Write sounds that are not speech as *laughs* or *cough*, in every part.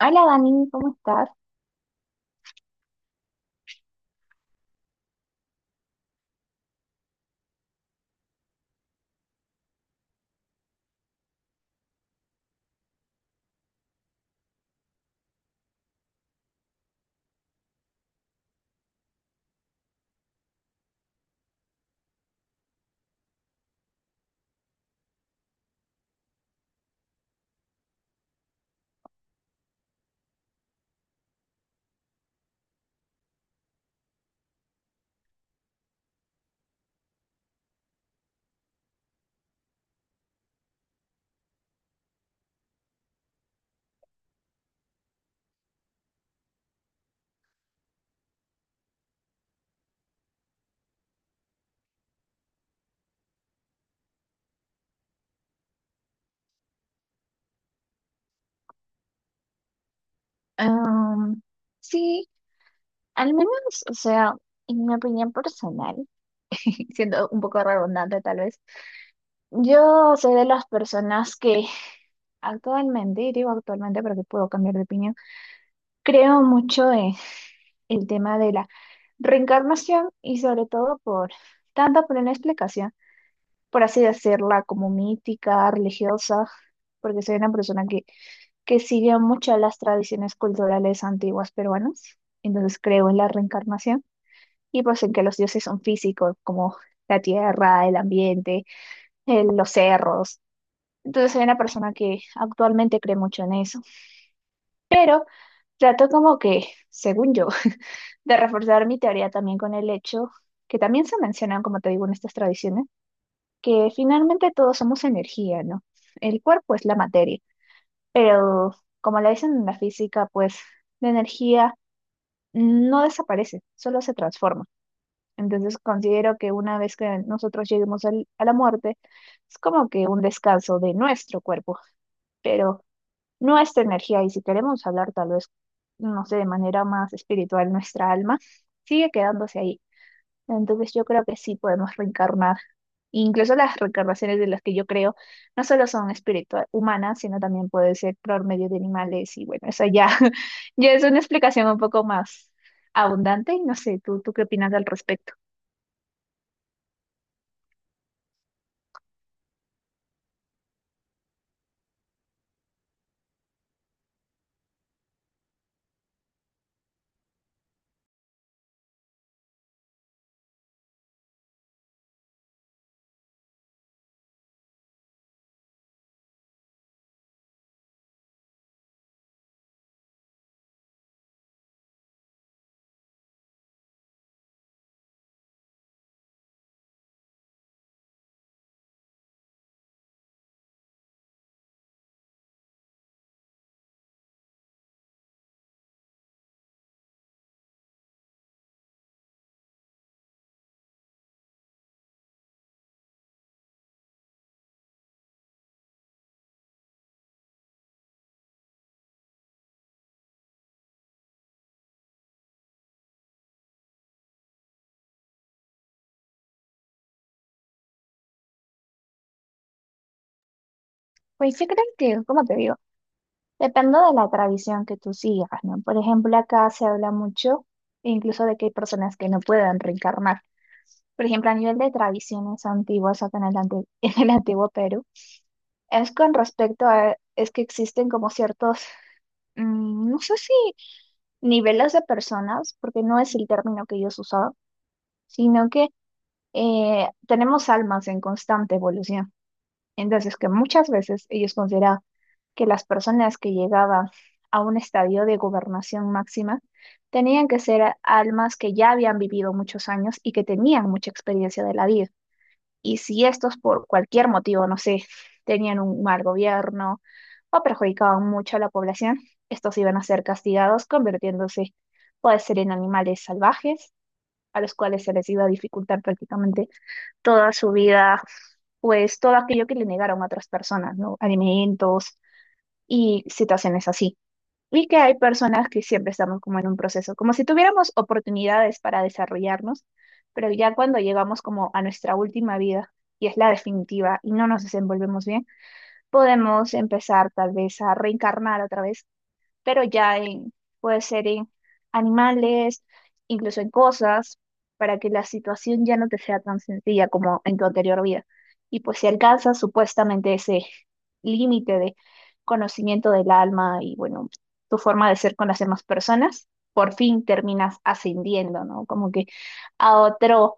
Hola Dani, ¿cómo estás? Am, sí, al menos, o sea, en mi opinión personal, *laughs* siendo un poco redundante tal vez, yo soy de las personas que actualmente, y digo actualmente porque puedo cambiar de opinión, creo mucho en el tema de la reencarnación y sobre todo por, tanto por una explicación, por así decirla, como mítica, religiosa, porque soy una persona que sigue muchas las tradiciones culturales antiguas peruanas. Entonces creo en la reencarnación y pues en que los dioses son físicos, como la tierra, el ambiente, los cerros. Entonces soy una persona que actualmente cree mucho en eso. Pero trato como que, según yo, *laughs* de reforzar mi teoría también con el hecho que también se mencionan, como te digo, en estas tradiciones, que finalmente todos somos energía, ¿no? El cuerpo es la materia, pero como le dicen en la física, pues la energía no desaparece, solo se transforma. Entonces considero que una vez que nosotros lleguemos a la muerte, es como que un descanso de nuestro cuerpo, pero nuestra energía, y si queremos hablar tal vez, no sé, de manera más espiritual, nuestra alma sigue quedándose ahí. Entonces yo creo que sí podemos reencarnar. Incluso las reencarnaciones de las que yo creo no solo son espiritual humanas, sino también puede ser por medio de animales y bueno, eso ya, *laughs* ya es una explicación un poco más abundante y no sé, ¿tú qué opinas al respecto? Pues yo creo que, como te digo, depende de la tradición que tú sigas, ¿no? Por ejemplo, acá se habla mucho incluso de que hay personas que no pueden reencarnar. Por ejemplo, a nivel de tradiciones antiguas acá en *laughs* en el antiguo Perú. Es con respecto a, es que existen como ciertos, no sé si niveles de personas, porque no es el término que ellos usaban, sino que tenemos almas en constante evolución. Entonces, que muchas veces ellos consideraban que las personas que llegaban a un estadio de gobernación máxima tenían que ser almas que ya habían vivido muchos años y que tenían mucha experiencia de la vida. Y si estos por cualquier motivo, no sé, tenían un mal gobierno o perjudicaban mucho a la población, estos iban a ser castigados convirtiéndose, puede ser en animales salvajes, a los cuales se les iba a dificultar prácticamente toda su vida, pues todo aquello que le negaron a otras personas, ¿no? Alimentos y situaciones así. Y que hay personas que siempre estamos como en un proceso, como si tuviéramos oportunidades para desarrollarnos, pero ya cuando llegamos como a nuestra última vida, y es la definitiva, y no nos desenvolvemos bien, podemos empezar tal vez a reencarnar otra vez pero ya en, puede ser en animales, incluso en cosas, para que la situación ya no te sea tan sencilla como en tu anterior vida. Y pues si alcanzas supuestamente ese límite de conocimiento del alma y bueno, tu forma de ser con las demás personas, por fin terminas ascendiendo, ¿no? Como que a otro,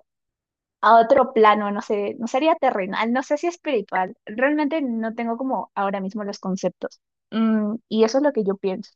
a otro plano, no sé, no sería terrenal, no sé si espiritual. Realmente no tengo como ahora mismo los conceptos. Y eso es lo que yo pienso.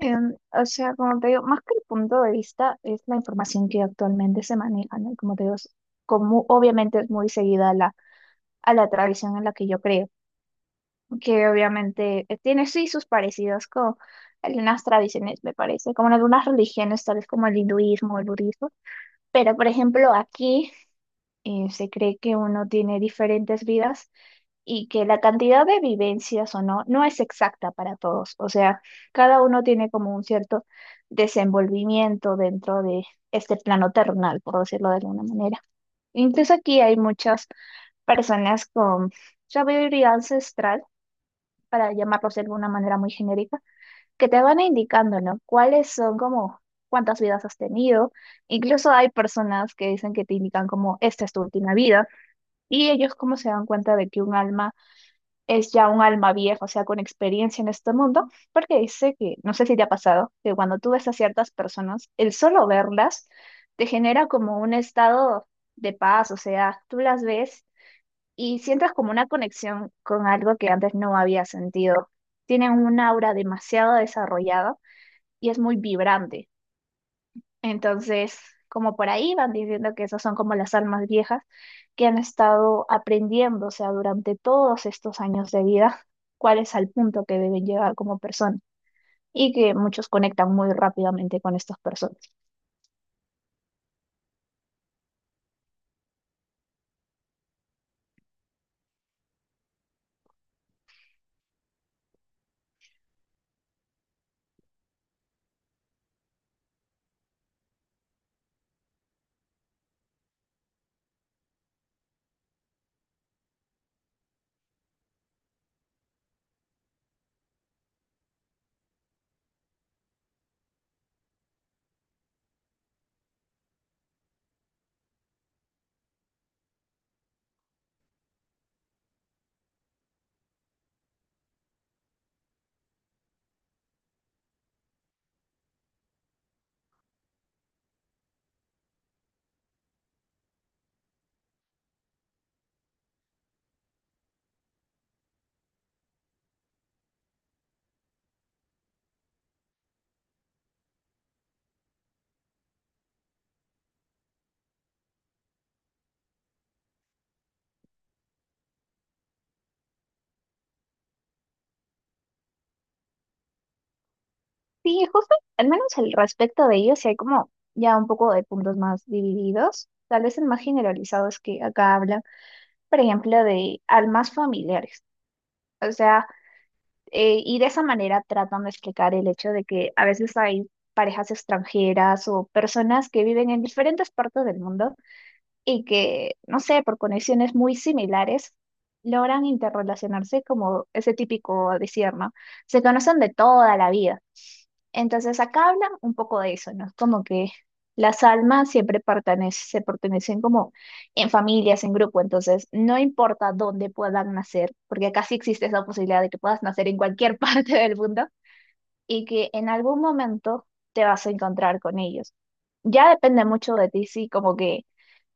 O sea, como te digo, más que el punto de vista es la información que actualmente se maneja, ¿no? Como te digo, es como obviamente es muy seguida a a la tradición en la que yo creo, que obviamente tiene sí sus parecidos con algunas tradiciones, me parece, como en algunas religiones, tales como el hinduismo, o el budismo, pero por ejemplo aquí se cree que uno tiene diferentes vidas y que la cantidad de vivencias o no es exacta para todos. O sea, cada uno tiene como un cierto desenvolvimiento dentro de este plano terrenal, por decirlo de alguna manera. Incluso aquí hay muchas personas con sabiduría ancestral, para llamarlos de alguna manera muy genérica, que te van indicando, ¿no? ¿Cuáles son como cuántas vidas has tenido? Incluso hay personas que dicen que te indican como esta es tu última vida. Y ellos como se dan cuenta de que un alma es ya un alma vieja, o sea, con experiencia en este mundo, porque dice que, no sé si te ha pasado, que cuando tú ves a ciertas personas, el solo verlas te genera como un estado de paz, o sea, tú las ves y sientes como una conexión con algo que antes no había sentido. Tienen un aura demasiado desarrollada y es muy vibrante. Entonces, como por ahí van diciendo que esas son como las almas viejas que han estado aprendiendo, o sea, durante todos estos años de vida, cuál es el punto que deben llegar como persona y que muchos conectan muy rápidamente con estas personas. Sí, justo, al menos al respecto de ellos, sí hay como ya un poco de puntos más divididos. Tal vez el más generalizado es que acá hablan, por ejemplo, de almas familiares. O sea, y de esa manera tratan de explicar el hecho de que a veces hay parejas extranjeras o personas que viven en diferentes partes del mundo y que, no sé, por conexiones muy similares, logran interrelacionarse como ese típico decir, ¿no? Se conocen de toda la vida. Entonces acá habla un poco de eso, ¿no? Es como que las almas siempre pertenecen, se pertenecen como en familias, en grupo, entonces no importa dónde puedan nacer, porque acá sí existe esa posibilidad de que puedas nacer en cualquier *laughs* parte del mundo y que en algún momento te vas a encontrar con ellos. Ya depende mucho de ti, sí, como que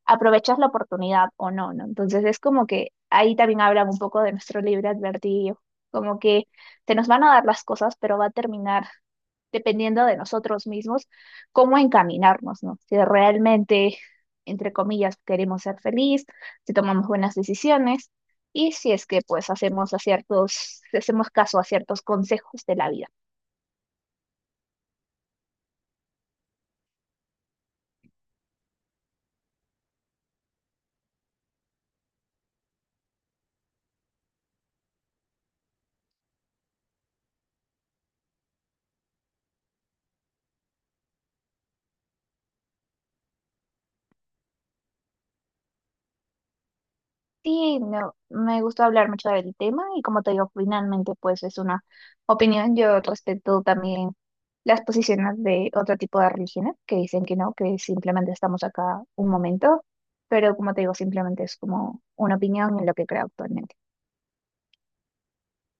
aprovechas la oportunidad o no, ¿no? Entonces es como que ahí también hablan un poco de nuestro libre advertido, como que se nos van a dar las cosas, pero va a terminar dependiendo de nosotros mismos cómo encaminarnos, ¿no? Si realmente, entre comillas, queremos ser feliz, si tomamos buenas decisiones y si es que pues hacemos caso a ciertos consejos de la vida. Sí, me, me gustó hablar mucho del tema y como te digo, finalmente pues es una opinión. Yo respeto también las posiciones de otro tipo de religiones que dicen que no, que simplemente estamos acá un momento, pero como te digo, simplemente es como una opinión en lo que creo actualmente.